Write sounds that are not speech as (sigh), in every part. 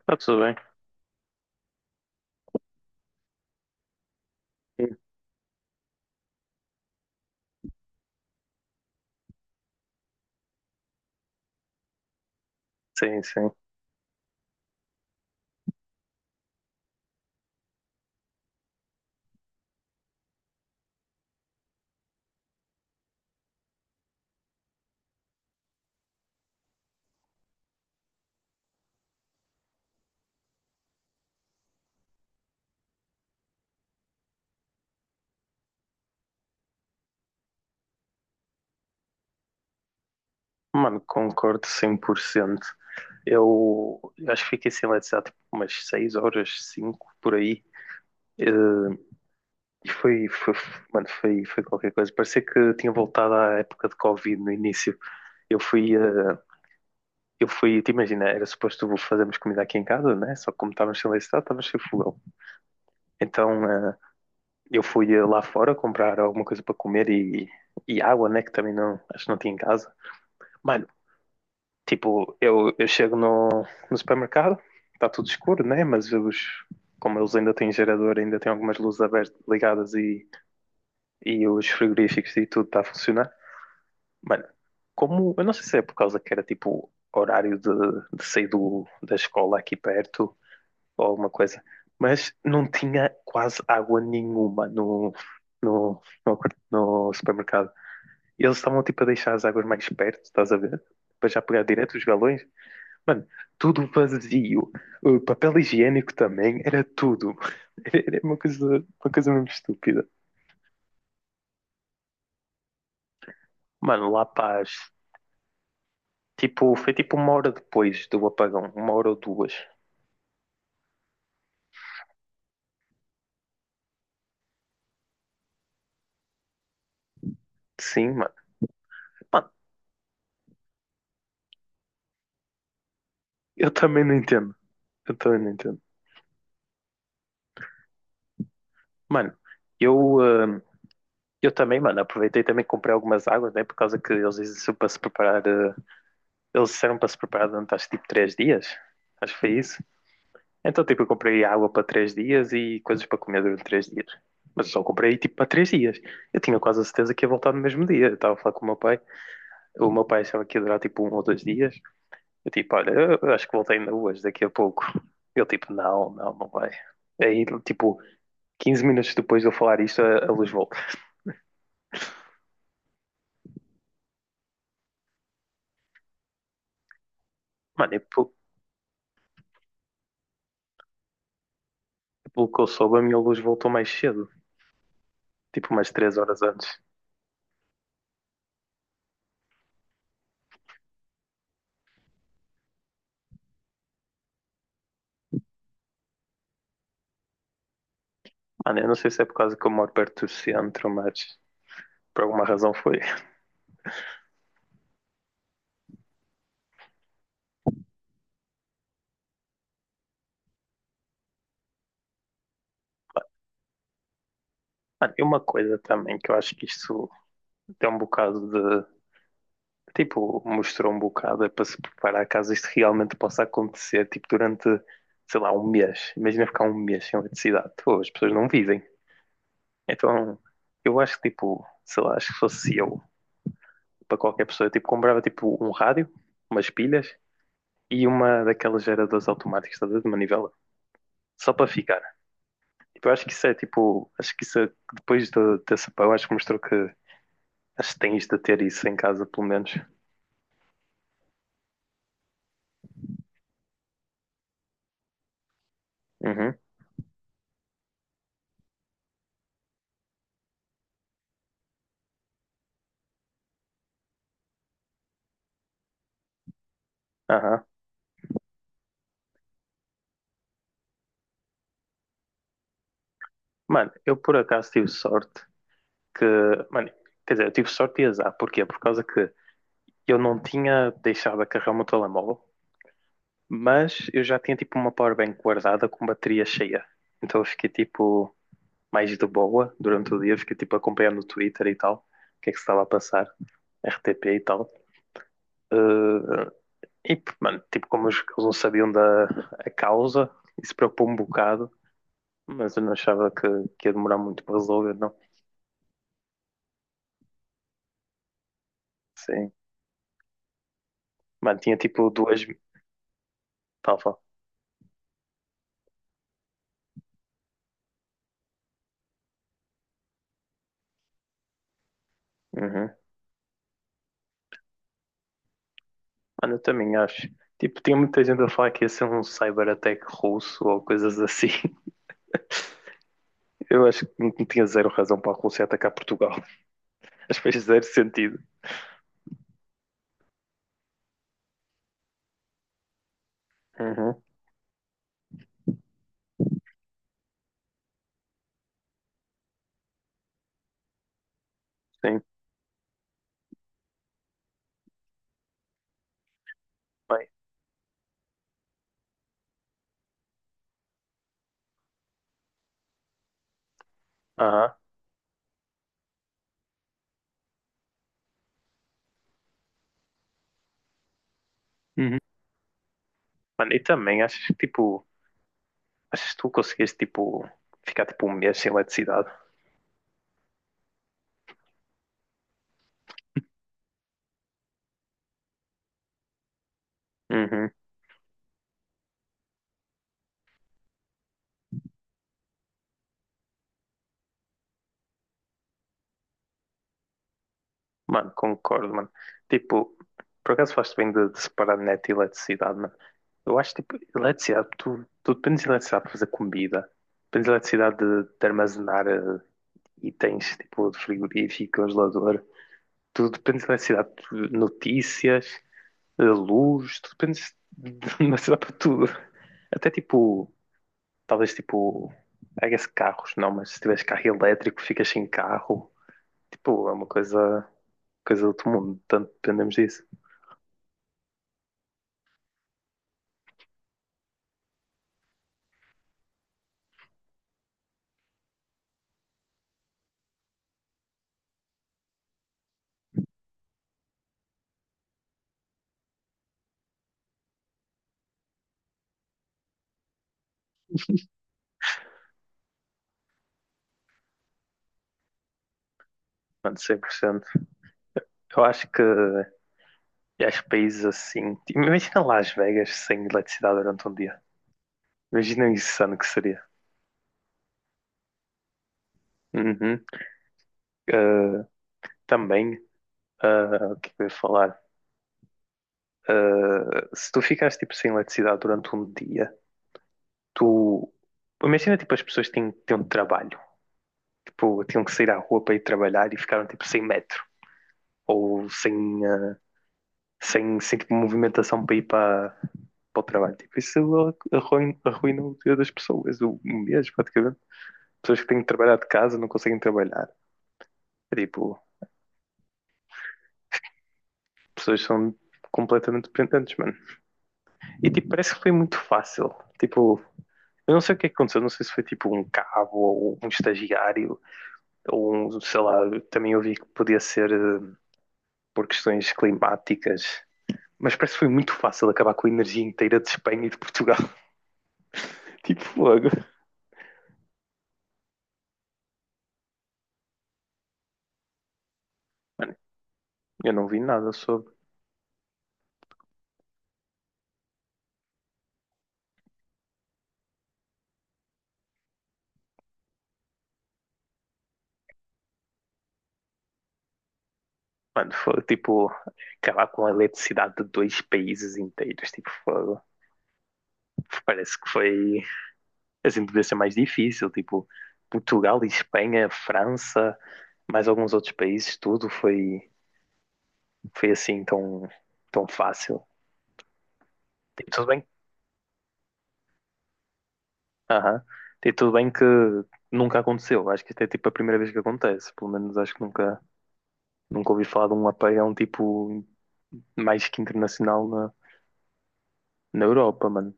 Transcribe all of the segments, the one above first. Está tudo bem. Sim, sim. Mano, concordo 100%. Eu acho que fiquei sem eletricidade há tipo, umas 6 horas, 5 por aí. Eh, E mano, foi qualquer coisa. Parecia que tinha voltado à época de Covid no início. Eu fui, eh, eu fui, te imagina, era suposto fazermos comida aqui em casa, né? Só que como estávamos sem eletricidade, estávamos sem fogão. Então, eu fui lá fora comprar alguma coisa para comer e água, né? Que também não, acho que não tinha em casa. Mano, tipo, eu chego no supermercado, está tudo escuro, né? Mas como eles ainda têm gerador, ainda têm algumas luzes abertas, ligadas e os frigoríficos e tudo está a funcionar. Mano, como, eu não sei se é por causa que era tipo horário de sair da escola aqui perto ou alguma coisa, mas não tinha quase água nenhuma no, no, no supermercado. E eles estavam tipo a deixar as águas mais perto, estás a ver? Para já pegar direto os galões. Mano, tudo vazio. O papel higiênico também era tudo. (laughs) Era uma coisa mesmo estúpida. Mano, lá paz. Tipo, foi tipo uma hora depois do apagão. Uma hora ou duas. Sim, mano. Mano, eu também não entendo. Eu também não entendo. Mano, eu, ah, eu também, mano, aproveitei e também comprei algumas águas, né? Por causa que eles disseram para se preparar. Eles disseram para se preparar durante acho tipo 3 dias. Acho que foi isso. Então, tipo, eu comprei água para 3 dias e coisas para comer durante 3 dias. Mas eu só comprei, tipo, para 3 dias. Eu tinha quase a certeza que ia voltar no mesmo dia. Eu estava a falar com o meu pai. O meu pai achava que ia durar, tipo, um ou dois dias. Eu, tipo, olha, eu acho que voltei ainda hoje, daqui a pouco. Eu, tipo, não, não, não vai. Aí, tipo, 15 minutos depois de eu falar isto, a luz volta. Mano, e pelo que eu soube, a minha luz voltou mais cedo. Tipo, umas 3 horas antes. Mano, eu não sei se é por causa que eu moro perto do centro, mas por alguma razão foi. Olha, e uma coisa também que eu acho que isto tem um bocado de. Tipo, mostrou um bocado é para se preparar caso isto realmente possa acontecer, tipo, durante, sei lá, um mês. Imagina ficar um mês sem eletricidade. Pô, as pessoas não vivem. Então, eu acho que, tipo, sei lá, acho que fosse eu, para qualquer pessoa, eu, tipo, comprava, tipo, um rádio, umas pilhas e uma daquelas geradoras automáticas, estás a ver, de manivela, só para ficar. Tipo, eu acho que isso é, tipo, acho que isso é, dessa, pá, eu acho que mostrou que acho que tens de ter isso em casa, pelo menos. Uhum, aham. Mano, eu por acaso tive sorte que. Mano, quer dizer, eu tive sorte e azar. Porquê? Por causa que eu não tinha deixado a carregar o meu telemóvel, mas eu já tinha tipo uma powerbank guardada com bateria cheia. Então eu fiquei tipo mais de boa durante o dia, fiquei tipo acompanhando o Twitter e tal, o que é que se estava a passar, RTP e tal. Eh, e, mano, tipo, como eles não sabiam da a causa, isso preocupou-me um bocado, mas eu não achava que ia demorar muito para resolver, não. Sim. Mano, tinha tipo duas. Tava. Uhum. Mano, eu também acho. Tipo, tinha muita gente a falar que ia ser um cyberattack russo ou coisas assim. (laughs) Eu acho que não tinha zero razão para a Rússia atacar Portugal. (laughs) Acho que fez zero sentido. Uhum. Sim. Bem. Aham. Uhum. Mano, e também acho que tipo. Achas que tu conseguiste tipo. Ficar tipo um mês sem eletricidade? Uhum. Mano, concordo, mano. Tipo, por acaso faz bem de separar net e eletricidade, mano. Eu acho, tipo, eletricidade, tu dependes de eletricidade para fazer comida, dependes de eletricidade de armazenar itens, tipo, de frigorífico, congelador, tu dependes de eletricidade de notícias, luz, tu dependes de eletricidade para tudo. Até, tipo, talvez, tipo, I guess carros, não, mas se tiveres carro elétrico, ficas sem carro. Tipo, é uma coisa do outro mundo, tanto dependemos disso, mano, 100%. Eu acho que, e acho que países assim, tipo, imagina Las Vegas sem eletricidade durante um dia, imagina o insano que seria. Uhum. Uh, Também, o que é que eu ia falar? Se tu ficares tipo sem eletricidade durante um dia, tu imagina tipo as pessoas têm um trabalho, tipo, tinham que sair à rua para ir trabalhar e ficaram tipo sem metro ou sem, ah, sem tipo, movimentação para ir para o trabalho. Tipo, isso arruina o dia das pessoas, o mês praticamente. Pessoas que têm que trabalhar de casa não conseguem trabalhar. É, tipo, pessoas que são completamente dependentes, mano. E tipo, parece que foi muito fácil. Tipo, eu não sei o que é que aconteceu, não sei se foi tipo um cabo ou um estagiário ou um, sei lá, também ouvi que podia ser por questões climáticas. Mas parece que foi muito fácil acabar com a energia inteira de Espanha e de Portugal. (laughs) Tipo, logo. Eu não vi nada sobre. Mano, foi tipo acabar com a eletricidade de dois países inteiros. Tipo, fogo. Parece que foi assim, devia ser mais difícil. Tipo, Portugal, Espanha, França, mais alguns outros países, tudo foi, assim tão, tão fácil. Tipo, tudo bem. Aham. Tipo, tudo bem que nunca aconteceu. Acho que isto é tipo a primeira vez que acontece. Pelo menos acho que nunca ouvi falar de um apagão tipo mais que internacional na Europa, mano.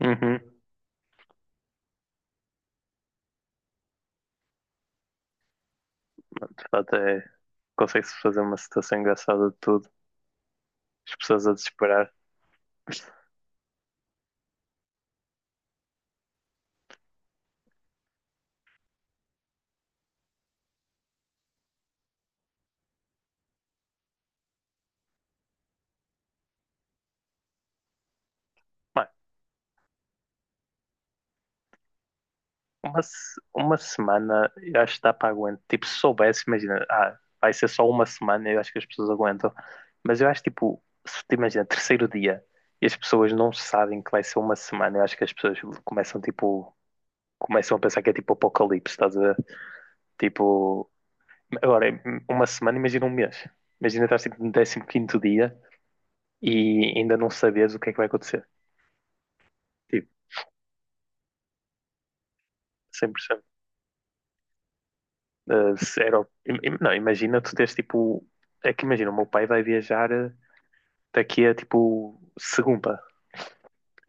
Uhum. De fato, é. Consegue-se fazer uma situação engraçada de tudo. As pessoas a desesperar. Mano, uma, se- uma semana eu acho que dá para aguentar. Tipo, se soubesse, imagina, ah, vai ser só uma semana, eu acho que as pessoas aguentam. Mas eu acho, tipo, se te imagina, terceiro dia e as pessoas não sabem que vai ser uma semana, eu acho que as pessoas começam, tipo, começam a pensar que é tipo apocalipse, estás a ver? Tipo, agora, é uma semana, imagina um mês. Imagina estás tipo, no 15.º dia e ainda não sabes o que é que vai acontecer. Tipo, 100%. Se era, não, imagina tu teres tipo. É que imagina, o meu pai vai viajar daqui a tipo segunda.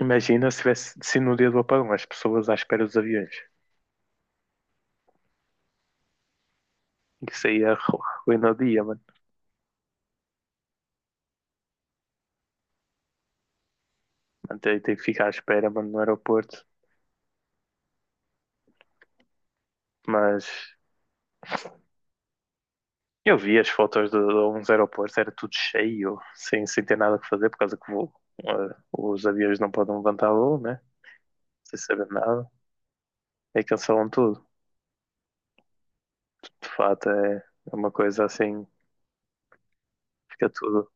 Imagina se tivesse se no dia do apagão as pessoas à espera dos aviões. Isso aí é (laughs) ruína o dia, mano. Mano, tem que ficar à espera, mano, no aeroporto. Mas eu vi as fotos de alguns aeroportos, era tudo cheio, sem ter nada que fazer, por causa que os aviões não podem levantar voo, né? Sem saber nada. E cancelam tudo. De fato, é uma coisa assim fica tudo.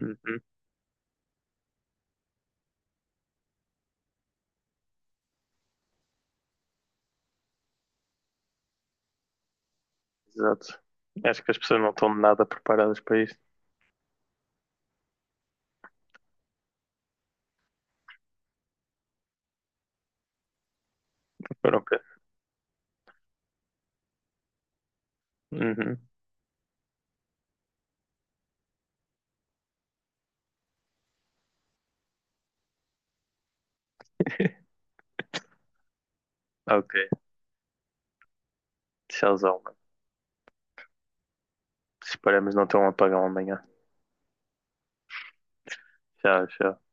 Uhum, exato. Acho que as pessoas não estão nada preparadas para isto. (laughs) Foram pe- Uhum, ok. Tchauzão, mano. Esperamos não ter um apagão amanhã. Tchau, tchau.